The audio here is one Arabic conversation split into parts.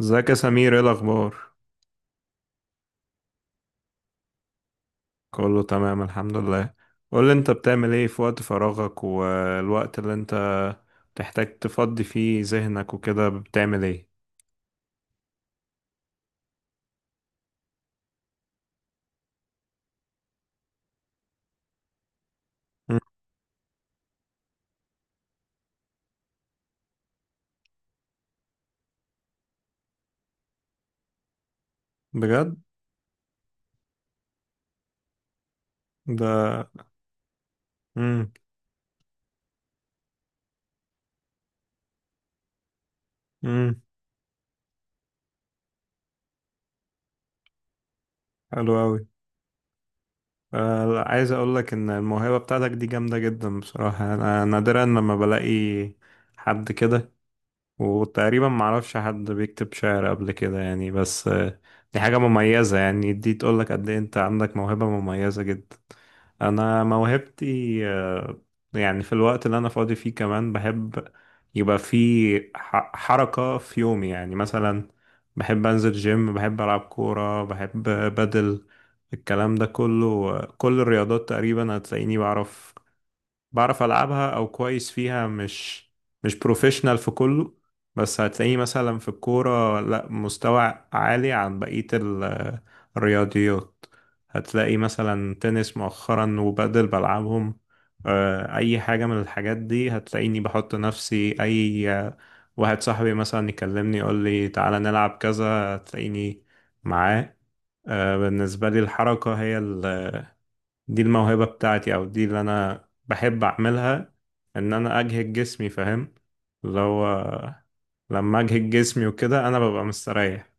ازيك يا سمير؟ ايه الاخبار؟ كله تمام الحمد لله. قول لي، انت بتعمل ايه في وقت فراغك والوقت اللي انت بتحتاج تفضي فيه ذهنك وكده؟ بتعمل ايه؟ مم. بجد؟ ده امم امم حلو قوي. عايز اقول لك ان الموهبه بتاعتك دي جامده جدا بصراحه. انا نادرا لما بلاقي حد كده، وتقريبا معرفش حد بيكتب شعر قبل كده يعني، بس دي حاجة مميزة. يعني دي تقولك قد ايه انت عندك موهبة مميزة جدا. انا موهبتي، يعني في الوقت اللي انا فاضي فيه كمان، بحب يبقى في حركة في يومي. يعني مثلا بحب انزل جيم، بحب العب كورة، بحب بدل الكلام ده كله. كل الرياضات تقريبا هتلاقيني بعرف ألعبها أو كويس فيها، مش بروفيشنال في كله، بس هتلاقيه مثلا في الكورة لا، مستوى عالي عن بقية الرياضيات. هتلاقي مثلا تنس مؤخرا وبادل بلعبهم. أي حاجة من الحاجات دي هتلاقيني بحط نفسي أي، واحد صاحبي مثلا يكلمني يقول لي تعالى نلعب كذا، هتلاقيني معاه. بالنسبة لي الحركة هي دي الموهبة بتاعتي، او دي اللي انا بحب اعملها. ان انا اجهد جسمي، فاهم؟ اللي هو لما اجهد جسمي وكده انا ببقى مستريح.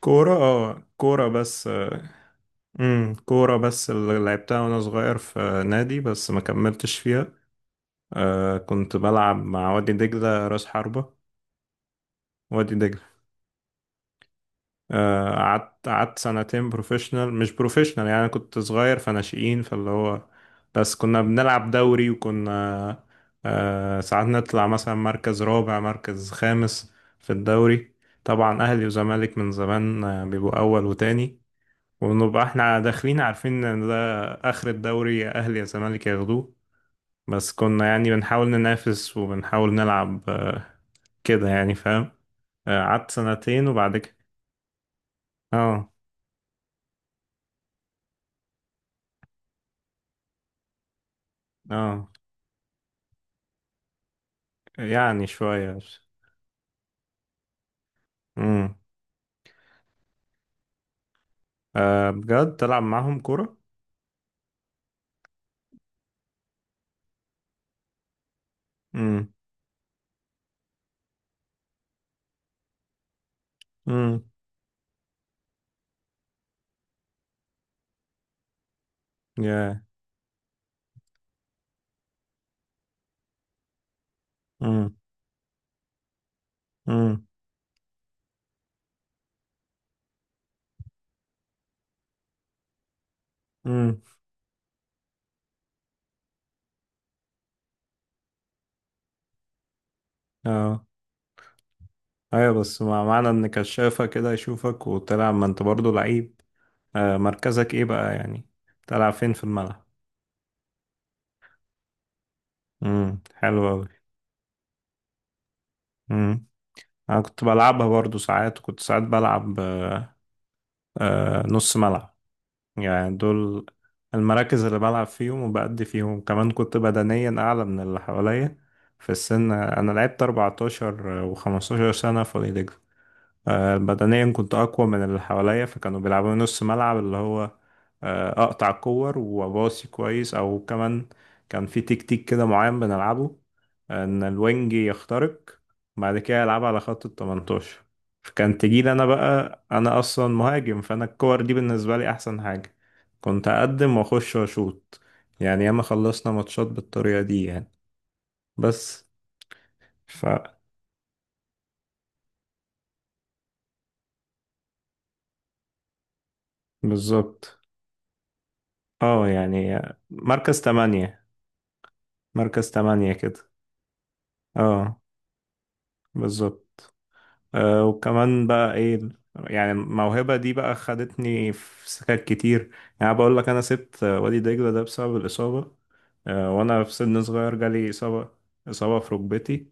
كورة. اه كورة بس. امم، كورة بس اللي لعبتها وانا صغير في نادي، بس ما كملتش فيها. آه كنت بلعب مع وادي دجلة، راس حربة. وادي دجلة. قعدت سنتين بروفيشنال مش بروفيشنال يعني، أنا كنت صغير فناشئين، فاللي هو بس كنا بنلعب دوري، وكنا، ساعات نطلع مثلا مركز رابع مركز خامس في الدوري. طبعا أهلي وزمالك من زمان، بيبقوا أول وتاني، ونبقى احنا داخلين عارفين ان ده آخر الدوري، يا أهلي يا زمالك ياخدوه. بس كنا يعني بنحاول ننافس وبنحاول نلعب، كده يعني، فاهم؟ قعدت سنتين وبعد كده اه. اه يعني شوية بس. امم. آه بجد تلعب معاهم كورة؟ امم. امم. يا. امم. امم. امم. اه. ايوه، بس مع معنى ان كشافة كده يشوفك وتلعب، ما انت برضه لعيب. آه مركزك ايه بقى يعني؟ تلعب فين في الملعب؟ امم، حلو اوي. امم، انا كنت بلعبها برضه ساعات، وكنت ساعات بلعب آه نص ملعب. يعني دول المراكز اللي بلعب فيهم وبأدي فيهم. كمان كنت بدنيا أعلى من اللي حواليا في السن. أنا لعبت 14 و15 سنة في، بدنيا كنت أقوى من اللي حواليا، فكانوا بيلعبوني نص ملعب. اللي هو أقطع كور وأباصي كويس أو كمان. كان في تكتيك كده معين بنلعبه، إن الوينج يخترق، بعد كده يلعب على خط ال 18، فكان تجيلي أنا بقى. أنا أصلا مهاجم، فأنا الكور دي بالنسبة لي أحسن حاجة. كنت أقدم وأخش وأشوط. يعني ياما خلصنا ماتشات بالطريقة دي يعني. بس ف. بالظبط. اه يعني. مركز تمانية. مركز تمانية كده. اه، بالظبط. آه، وكمان بقى ايه؟ يعني الموهبة دي بقى خدتني في سكات كتير. يعني بقول لك، انا سبت، وادي دجلة ده بسبب الإصابة. آه وانا في سن صغير جالي إصابة، إصابة في ركبتي.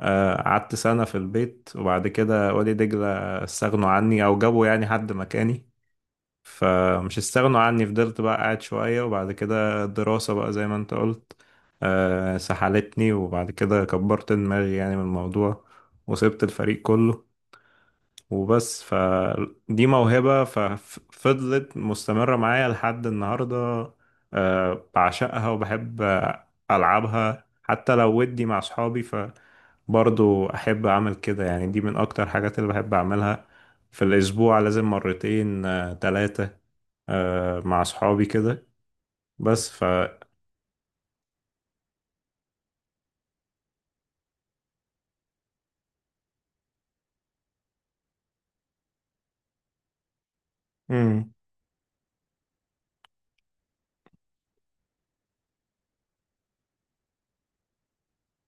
آه قعدت سنة في البيت، وبعد كده وادي دجلة استغنوا عني او جابوا يعني حد مكاني. فمش استغنوا عني، فضلت بقى قاعد شوية، وبعد كده الدراسة بقى زي ما انت قلت سحلتني. وبعد كده كبرت دماغي يعني من الموضوع، وسبت الفريق كله، وبس. فدي موهبة ففضلت مستمرة معايا لحد النهاردة. بعشقها وبحب ألعبها حتى لو ودي مع صحابي، فبرضو أحب أعمل كده. يعني دي من أكتر حاجات اللي بحب أعملها. في الأسبوع لازم مرتين، ثلاثة، آه مع أصحابي كده. بس ف. مم.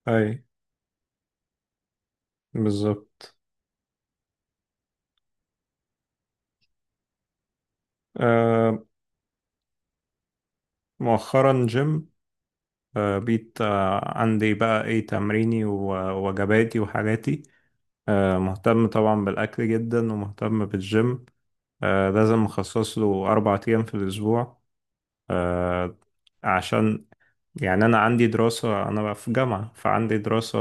أي. بالظبط. آه مؤخرا جيم. آه بقيت آه عندي بقى إيه، تمريني ووجباتي وحاجاتي. آه مهتم طبعا بالأكل جدا، ومهتم بالجيم. آه لازم أخصص له أربع أيام في الأسبوع، آه عشان يعني أنا عندي دراسة، أنا بقى في جامعة فعندي دراسة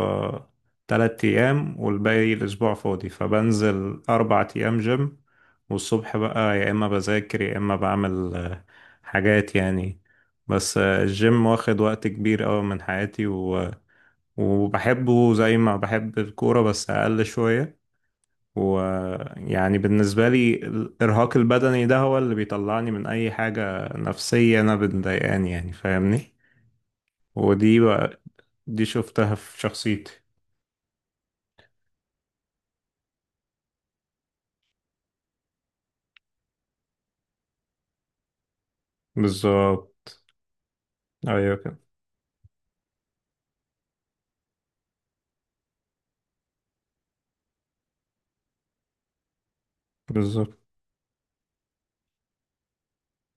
تلات أيام، والباقي الأسبوع فاضي، فبنزل أربع أيام جيم. والصبح بقى يا إما بذاكر يا إما بعمل حاجات يعني. بس الجيم واخد وقت كبير أوي من حياتي، و... وبحبه زي ما بحب الكورة بس أقل شوية. ويعني بالنسبة لي الإرهاق البدني ده هو اللي بيطلعني من أي حاجة نفسية أنا بتضايقاني، يعني فاهمني؟ ودي دي شفتها في شخصيتي. بالظبط. ايوه كده. بالظبط.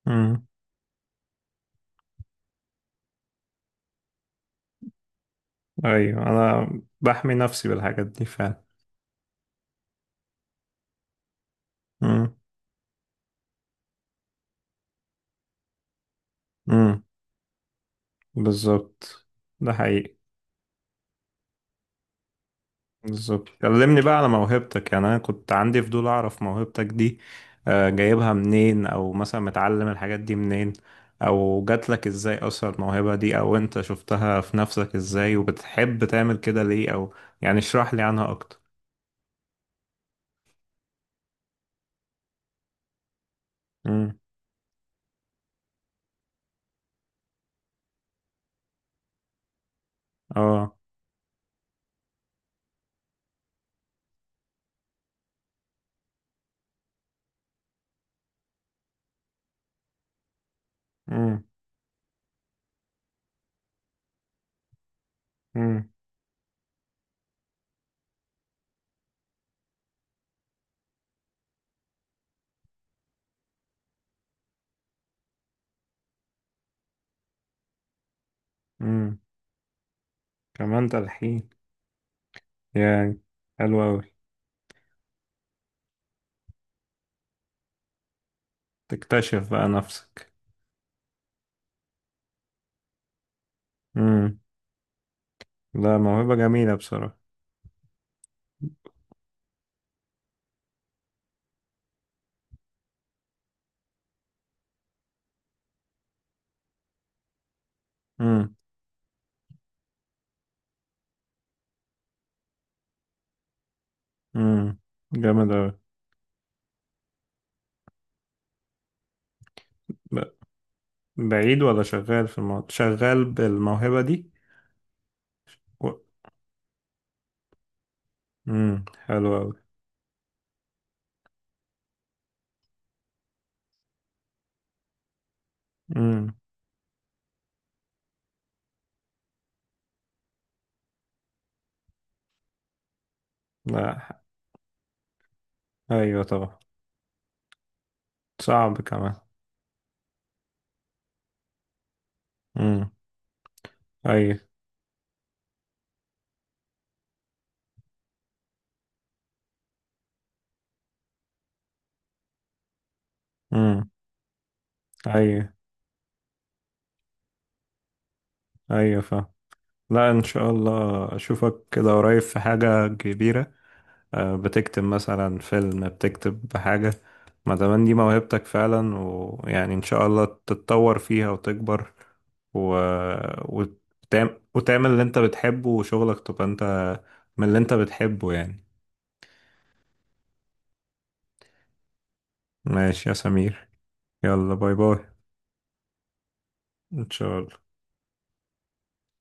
امم. ايوه انا بحمي نفسي بالحاجات دي فعلا. امم. امم. بالظبط. ده حقيقي. بالظبط. كلمني بقى على موهبتك. يعني انا كنت عندي فضول اعرف موهبتك دي، جايبها منين، او مثلا متعلم الحاجات دي منين، او جات لك ازاي اصلا الموهبة دي، او انت شفتها في نفسك ازاي وبتحب تعمل كده ليه، او يعني اشرح لي عنها اكتر. امم. اه. امم. امم. كمان تلحين؟ يعني حلو أوي. تكتشف بقى نفسك. امم. لا موهبة جميلة بصراحة. امم. امم. جامد أوي. ب- بعيد ولا شغال في الموضوع؟ شغال بالموهبة دي و... حلو أوي. امم. لا أيوة طبعا. صعب كمان. امم. أيوة. امم. أيوة أيوة فاهم. لا إن شاء الله أشوفك كده قريب في حاجة كبيرة. آه، بتكتب مثلا فيلم، بتكتب حاجة؟ ما دام دي موهبتك فعلا، ويعني ان شاء الله تتطور فيها وتكبر، و... وتعمل... وتعمل اللي انت بتحبه، وشغلك تبقى انت من اللي انت بتحبه يعني. ماشي يا سمير. يلا، باي باي. ان شاء الله.